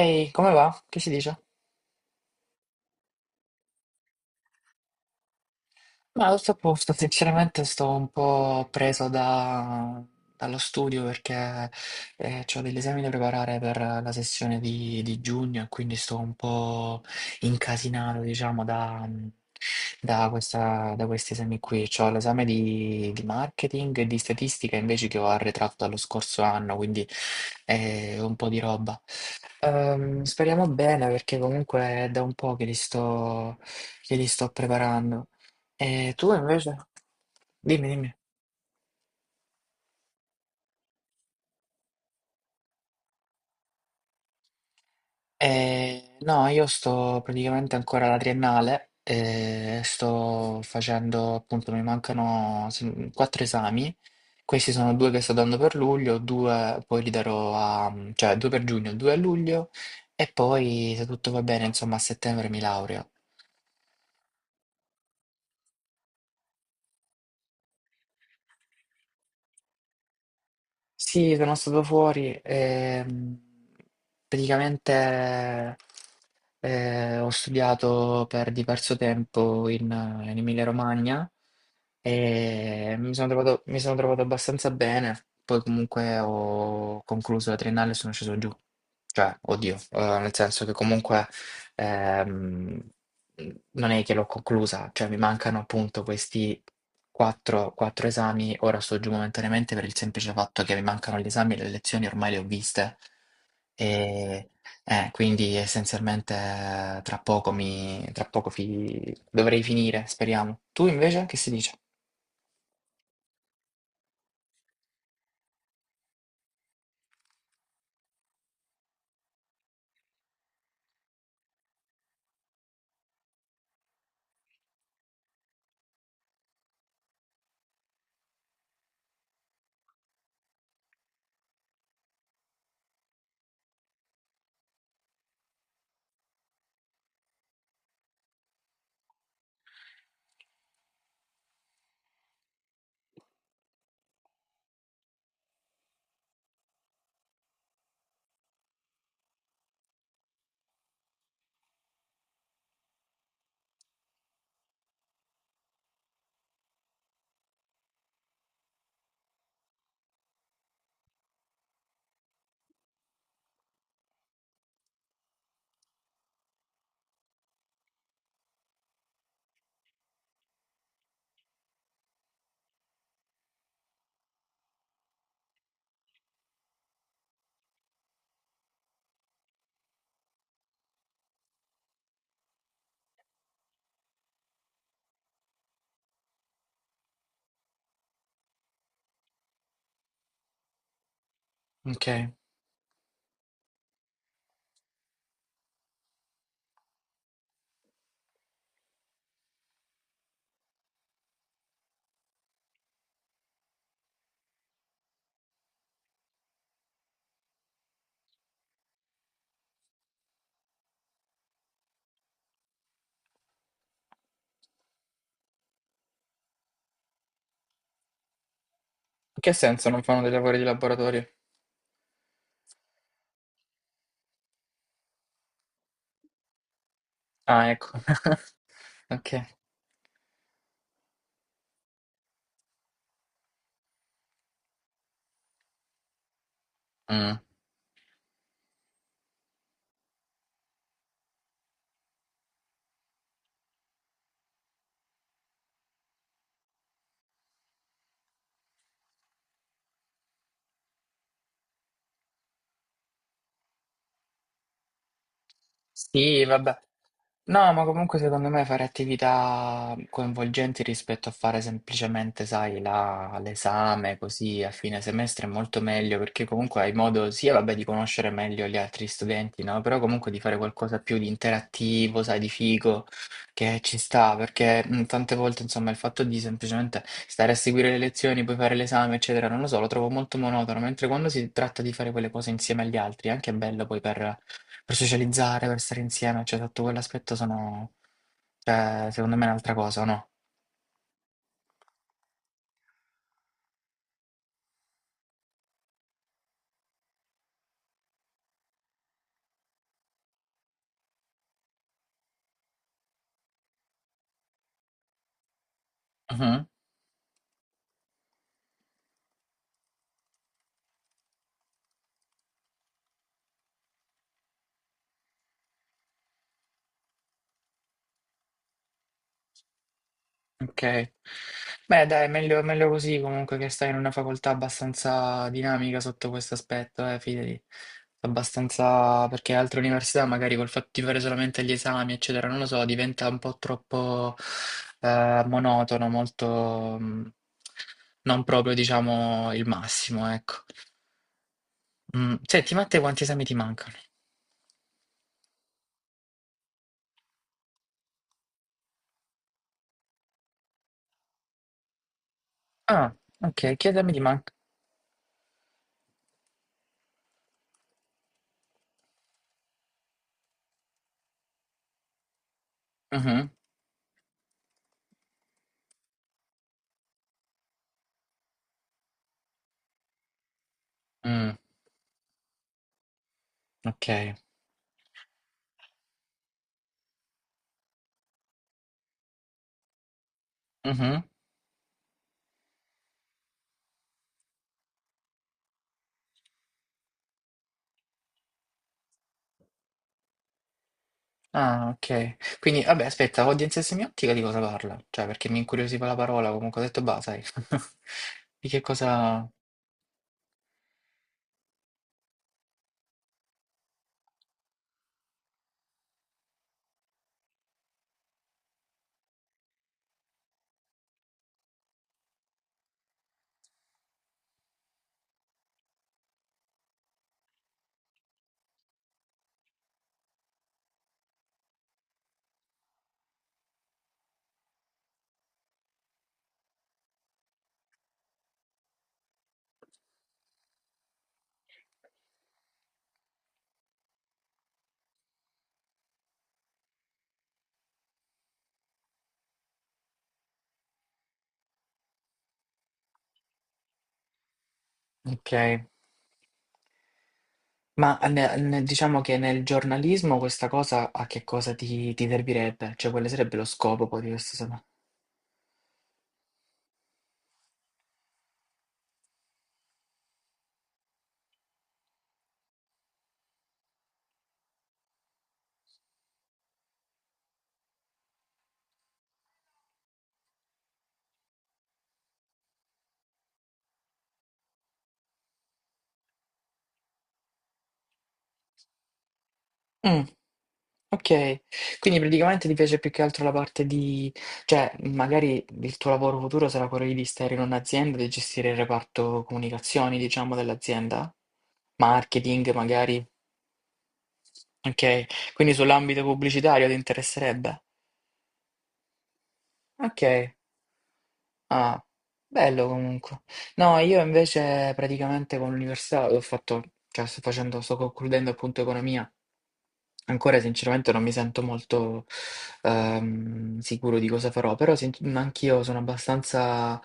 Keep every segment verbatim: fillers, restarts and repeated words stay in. Ehi, come va? Che si dice? Ma tutto a posto, sinceramente sto un po' preso da- dallo studio perché ho degli esami da preparare per la sessione di, di giugno e quindi sto un po' incasinato, diciamo, da, da questa- da questi esami qui. Ho l'esame di, di marketing e di statistica invece che ho arretrato dallo scorso anno, quindi è un po' di roba. Ehm, speriamo bene perché comunque è da un po' che li sto, che li sto preparando. E tu invece? Dimmi, dimmi. Eh, no, io sto praticamente ancora alla triennale, eh, sto facendo, appunto, mi mancano se- quattro esami. Questi sono due che sto dando per luglio, due poi li darò a, cioè due per giugno, due a luglio e poi se tutto va bene, insomma, a settembre mi laureo. Sì, sono stato fuori e praticamente eh, ho studiato per diverso tempo in, in Emilia-Romagna e mi sono trovato, mi sono trovato abbastanza bene. Poi comunque ho concluso la triennale e sono sceso giù. Cioè, oddio, eh, nel senso che comunque ehm, non è che l'ho conclusa, cioè mi mancano appunto questi quattro, quattro esami. Ora sto giù momentaneamente per il semplice fatto che mi mancano gli esami e le lezioni ormai le ho viste. E eh, quindi essenzialmente eh, tra poco mi, tra poco fi- dovrei finire, speriamo. Tu invece che si dice? Ok. In che senso non fanno dei lavori di laboratorio? Ah, ecco. Ok. Mm. Sì, vabbè. No, ma comunque secondo me fare attività coinvolgenti rispetto a fare semplicemente, sai, la- l'esame così a fine semestre è molto meglio perché comunque hai modo sia, vabbè, di conoscere meglio gli altri studenti, no? Però comunque di fare qualcosa più di interattivo, sai, di figo, che ci sta, perché mh, tante volte, insomma, il fatto di semplicemente stare a seguire le lezioni, poi fare l'esame, eccetera, non lo so, lo trovo molto monotono, mentre quando si tratta di fare quelle cose insieme agli altri è anche bello poi per per socializzare, per stare insieme, cioè sotto quell'aspetto sono, cioè, secondo me è un'altra cosa, o no? Mhm, ok. Beh, dai, meglio, meglio così comunque che stai in una facoltà abbastanza dinamica sotto questo aspetto, eh, fidati. Abbastanza, perché altre università magari col fatto di fare solamente gli esami, eccetera, non lo so, diventa un po' troppo eh, monotono, molto mm, non proprio, diciamo, il massimo, ecco. Mm, Senti, ma a te quanti esami ti mancano? Ah, okay, chiedami di man mh-mh, mh, okay, mh-mh. Ah, okay. Quindi vabbè aspetta, audience semiottica di cosa parla? Cioè perché mi incuriosiva la parola, comunque ho detto: "Bah, sai" di che cosa okay. Ma ne ne diciamo che nel giornalismo questa cosa a che cosa ti ti servirebbe? Cioè quale sarebbe lo scopo poi di questa sema. Okay, quindi praticamente ti piace più che altro la parte di cioè, magari il tuo lavoro futuro sarà quello di stare in un'azienda e gestire il reparto comunicazioni, diciamo, dell'azienda? Marketing magari? Okay, quindi sull'ambito pubblicitario ti interesserebbe? Okay, ah, bello comunque. No, io invece praticamente con l'università ho fatto cioè sto facendo sto concludendo appunto economia. Ancora sinceramente non mi sento molto ehm, sicuro di cosa farò, però sin- anch'io sono abbastanza,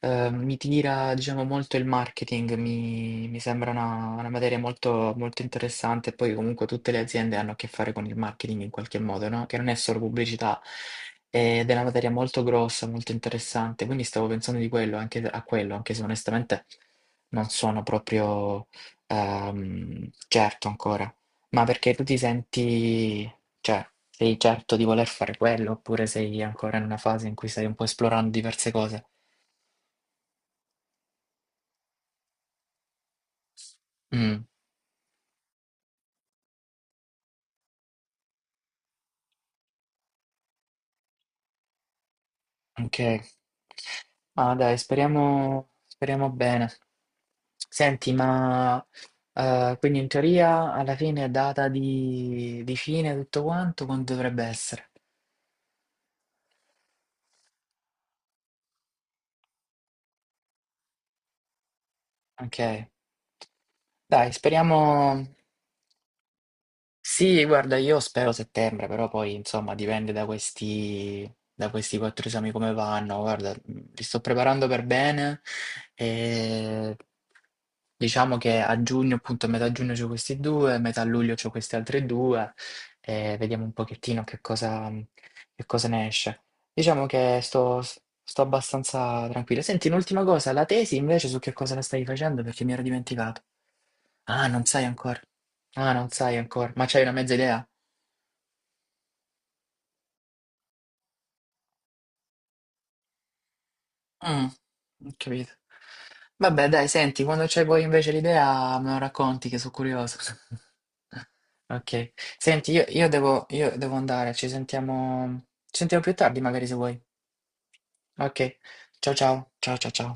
ehm, mi tira diciamo molto il marketing, mi, mi sembra una, una materia molto, molto interessante, poi comunque tutte le aziende hanno a che fare con il marketing in qualche modo, no? Che non è solo pubblicità, ed è una materia molto grossa, molto interessante, quindi stavo pensando di quello, anche a quello, anche se onestamente non sono proprio ehm, certo ancora. Ma perché tu ti senti, cioè, sei certo di voler fare quello, oppure sei ancora in una fase in cui stai un po' esplorando diverse cose? Mm, ok. Ma dai, speriamo, speriamo bene. Senti, ma eh, quindi in teoria alla fine è data di, di fine tutto quanto, quando dovrebbe essere? Ok. Dai, speriamo. Sì, guarda, io spero settembre, però poi insomma dipende da questi, da questi quattro esami come vanno. Guarda, mh, li sto preparando per bene e diciamo che a giugno, appunto a metà giugno c'ho questi due, a metà luglio c'ho questi altri due e vediamo un pochettino che cosa, mhmm, che cosa ne esce. Diciamo che sto, sto abbastanza tranquillo. Senti, un'ultima cosa, la tesi invece su che cosa la stai facendo? Perché mi ero dimenticato. Ah, non sai ancora. Ah, non sai ancora, ma c'hai una mezza idea? Mm, ho capito. Vabbè, dai, senti, quando c'hai poi invece l'idea me lo racconti che sono curioso. Ok. Senti, io, io devo, io devo, andare, ci sentiamo, ci sentiamo più tardi magari se vuoi. Ok. Ciao ciao, ciao ciao ciao.